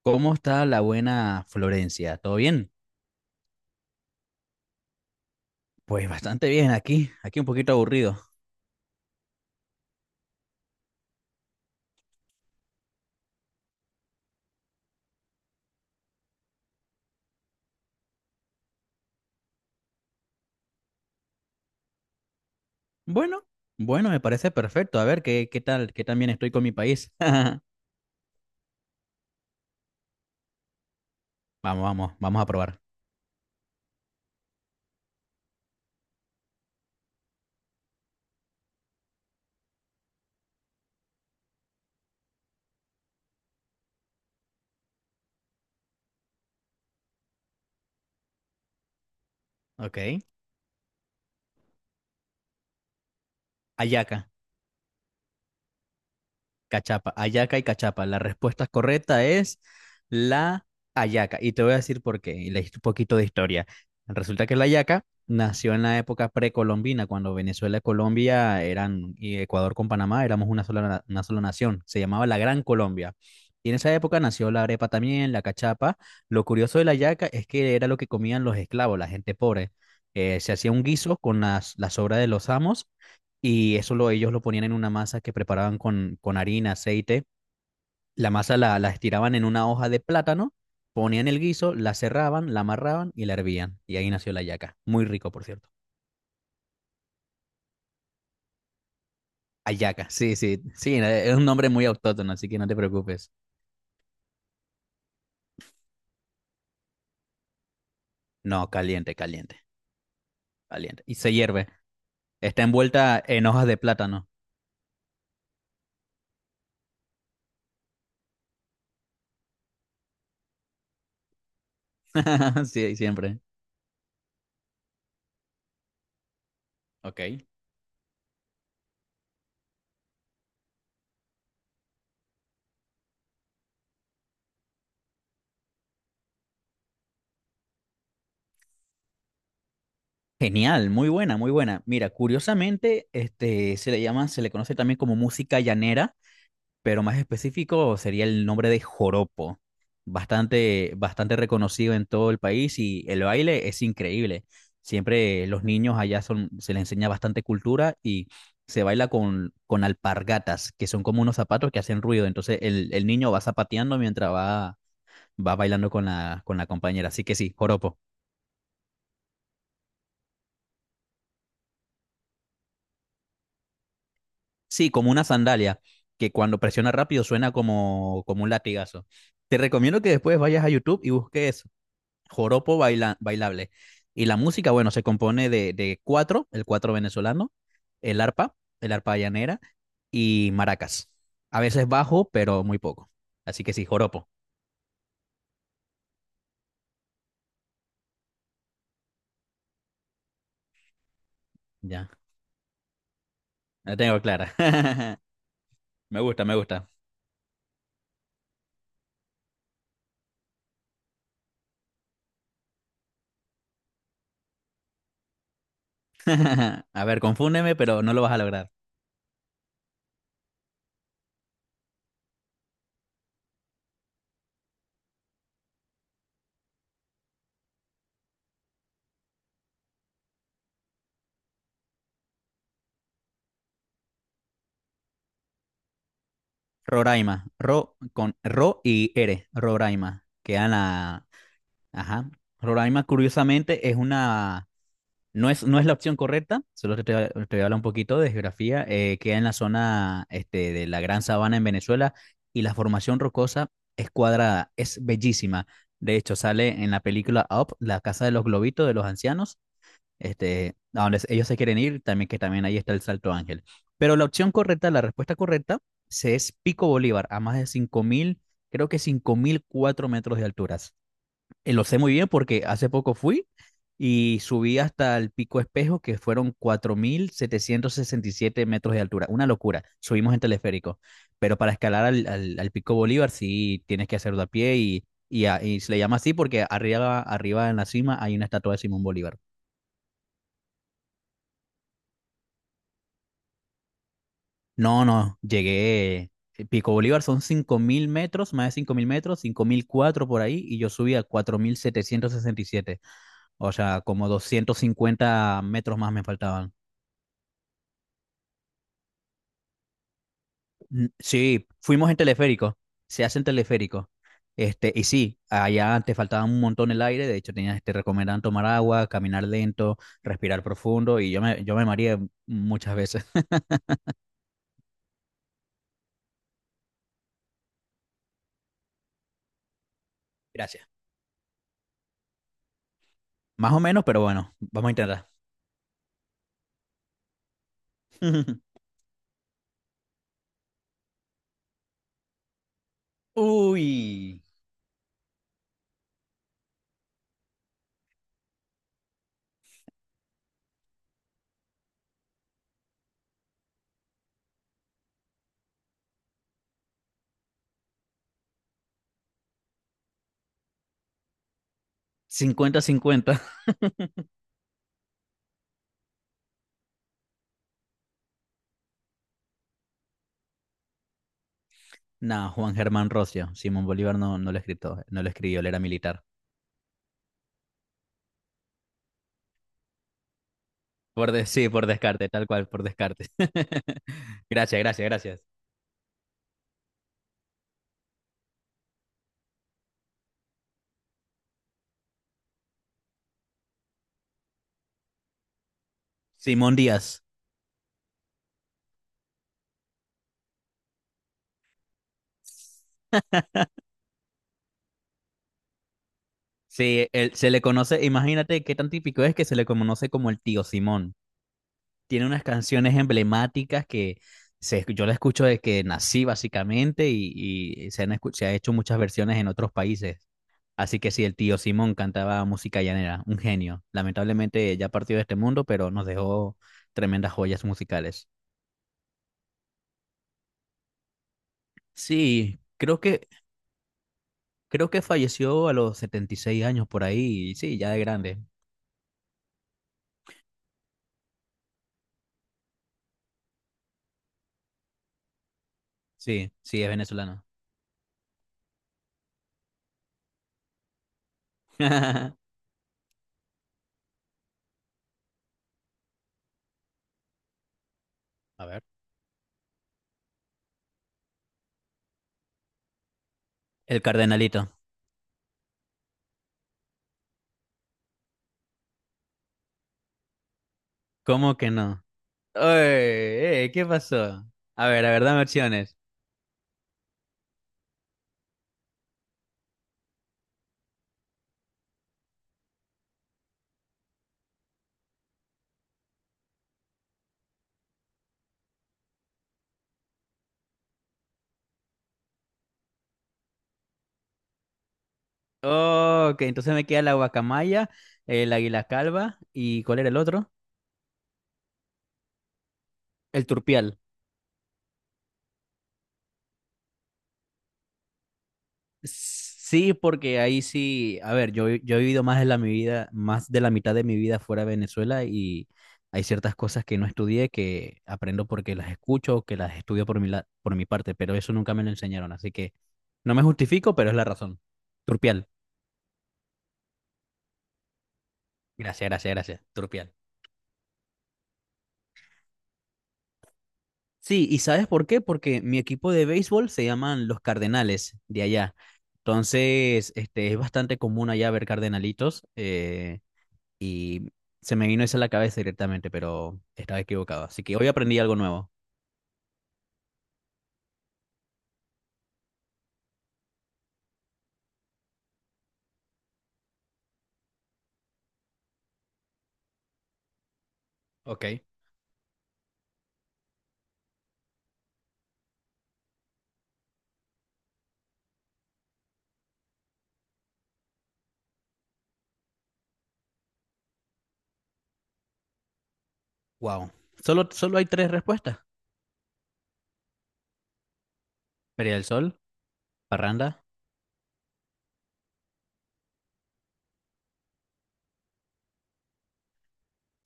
¿Cómo está la buena Florencia? ¿Todo bien? Pues bastante bien aquí, un poquito aburrido. Bueno, bueno, me parece perfecto. A ver, ¿Qué tan bien estoy con mi país? Vamos, vamos, vamos a probar. Ok. Ayaca. Cachapa, Ayaca y Cachapa. La respuesta correcta es la Ayaca. Y te voy a decir por qué. Y leíste un poquito de historia. Resulta que la Ayaca nació en la época precolombina, cuando Venezuela y Colombia eran, y Ecuador con Panamá éramos una sola, una sola nación. Se llamaba la Gran Colombia. Y en esa época nació la arepa también, la cachapa. Lo curioso de la yaca es que era lo que comían los esclavos, la gente pobre. Se hacía un guiso con las sobras de los amos, y ellos lo ponían en una masa que preparaban con harina, aceite. La masa la estiraban en una hoja de plátano, ponían el guiso, la cerraban, la amarraban y la hervían. Y ahí nació la hallaca. Muy rico, por cierto. Hallaca, sí, sí, sí, es un nombre muy autóctono, así que no te preocupes. No, caliente, caliente, caliente. Y se hierve. Está envuelta en hojas de plátano. Sí, siempre. Ok. Genial, muy buena, muy buena. Mira, curiosamente, se le conoce también como música llanera, pero más específico sería el nombre de joropo, bastante, bastante reconocido en todo el país, y el baile es increíble. Siempre los niños allá se les enseña bastante cultura, y se baila con alpargatas, que son como unos zapatos que hacen ruido. Entonces el niño va zapateando mientras va bailando con la compañera. Así que sí, joropo. Sí, como una sandalia, que cuando presiona rápido suena como un latigazo. Te recomiendo que después vayas a YouTube y busques joropo bailable. Y la música, bueno, se compone de cuatro, el cuatro venezolano, el arpa, el arpa llanera y maracas. A veces bajo, pero muy poco. Así que sí, joropo, ya, la tengo clara. Me gusta, me gusta. A ver, confúndeme, pero no lo vas a lograr. Roraima, ro con ro y ere, Roraima, que Ana, ajá. Roraima, curiosamente, es una No es, no es la opción correcta, solo te voy a hablar un poquito de geografía. Queda en la zona este, de la Gran Sabana en Venezuela, y la formación rocosa es cuadrada, es bellísima. De hecho, sale en la película Up, la casa de los globitos de los ancianos, a donde ellos se quieren ir, también que también ahí está el Salto Ángel. Pero la opción correcta, la respuesta correcta, se es Pico Bolívar, a más de 5000, creo que 5004 metros de alturas. Lo sé muy bien porque hace poco fui y subí hasta el Pico Espejo, que fueron 4767 metros de altura. Una locura. Subimos en teleférico. Pero para escalar al Pico Bolívar sí tienes que hacerlo a pie, y se le llama así porque arriba, arriba en la cima hay una estatua de Simón Bolívar. No, no, llegué. Pico Bolívar son 5000 metros, más de 5000 metros, 5004 por ahí, y yo subí a 4767, o sea, como 250 metros más me faltaban. Sí, fuimos en teleférico, se hace en teleférico. Y sí, allá antes faltaba un montón el aire, de hecho te recomendaban tomar agua, caminar lento, respirar profundo, y yo me mareé muchas veces. Gracias. Más o menos, pero bueno, vamos a intentar. Uy, 50-50. No, Juan Germán Rocio, Simón Bolívar no, no lo escribió, él era militar. Sí, por descarte, tal cual, por descarte. Gracias, gracias, gracias. Simón Díaz. Sí, se le conoce, imagínate qué tan típico es que se le conoce como el tío Simón. Tiene unas canciones emblemáticas que yo la escucho desde que nací básicamente, y se ha hecho muchas versiones en otros países. Así que sí, el tío Simón cantaba música llanera, un genio. Lamentablemente ya partió de este mundo, pero nos dejó tremendas joyas musicales. Sí, creo que falleció a los 76 años por ahí, y sí, ya de grande. Sí, sí, es venezolano. A ver. El cardenalito. ¿Cómo que no? Oye, ¿qué pasó? A ver, dame opciones. Oh, ok, entonces me queda la guacamaya, el águila calva y ¿cuál era el otro? El turpial. Sí, porque ahí sí, a ver, yo he vivido más de la, mi vida, más de la mitad de mi vida fuera de Venezuela, y hay ciertas cosas que no estudié que aprendo porque las escucho, o que las estudio por mi, por mi parte, pero eso nunca me lo enseñaron, así que no me justifico, pero es la razón. Turpial. Gracias, gracias, gracias. Turpial. Sí, ¿y sabes por qué? Porque mi equipo de béisbol se llaman los Cardenales de allá. Entonces, es bastante común allá ver cardenalitos, y se me vino eso a la cabeza directamente, pero estaba equivocado. Así que hoy aprendí algo nuevo. Ok. Wow. Solo hay tres respuestas. Feria del Sol, Parranda,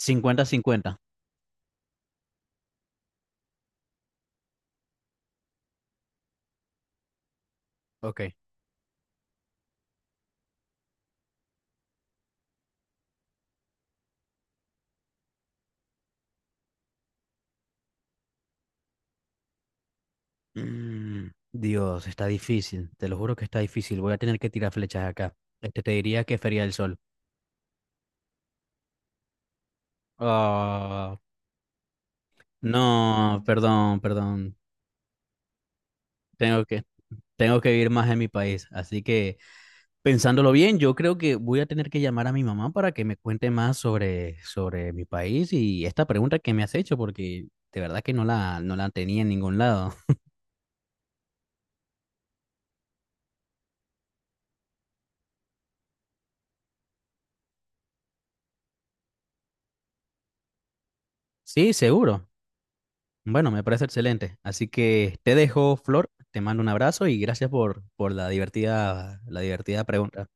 50-50. Ok. Mm, Dios, está difícil. Te lo juro que está difícil. Voy a tener que tirar flechas acá. Te diría que Feria del Sol. Ah. No, perdón, perdón. Tengo que, tengo que vivir más en mi país. Así que, pensándolo bien, yo creo que voy a tener que llamar a mi mamá para que me cuente más sobre mi país y esta pregunta que me has hecho, porque de verdad que no la tenía en ningún lado. Sí, seguro. Bueno, me parece excelente. Así que te dejo, Flor, te mando un abrazo y gracias por la divertida pregunta.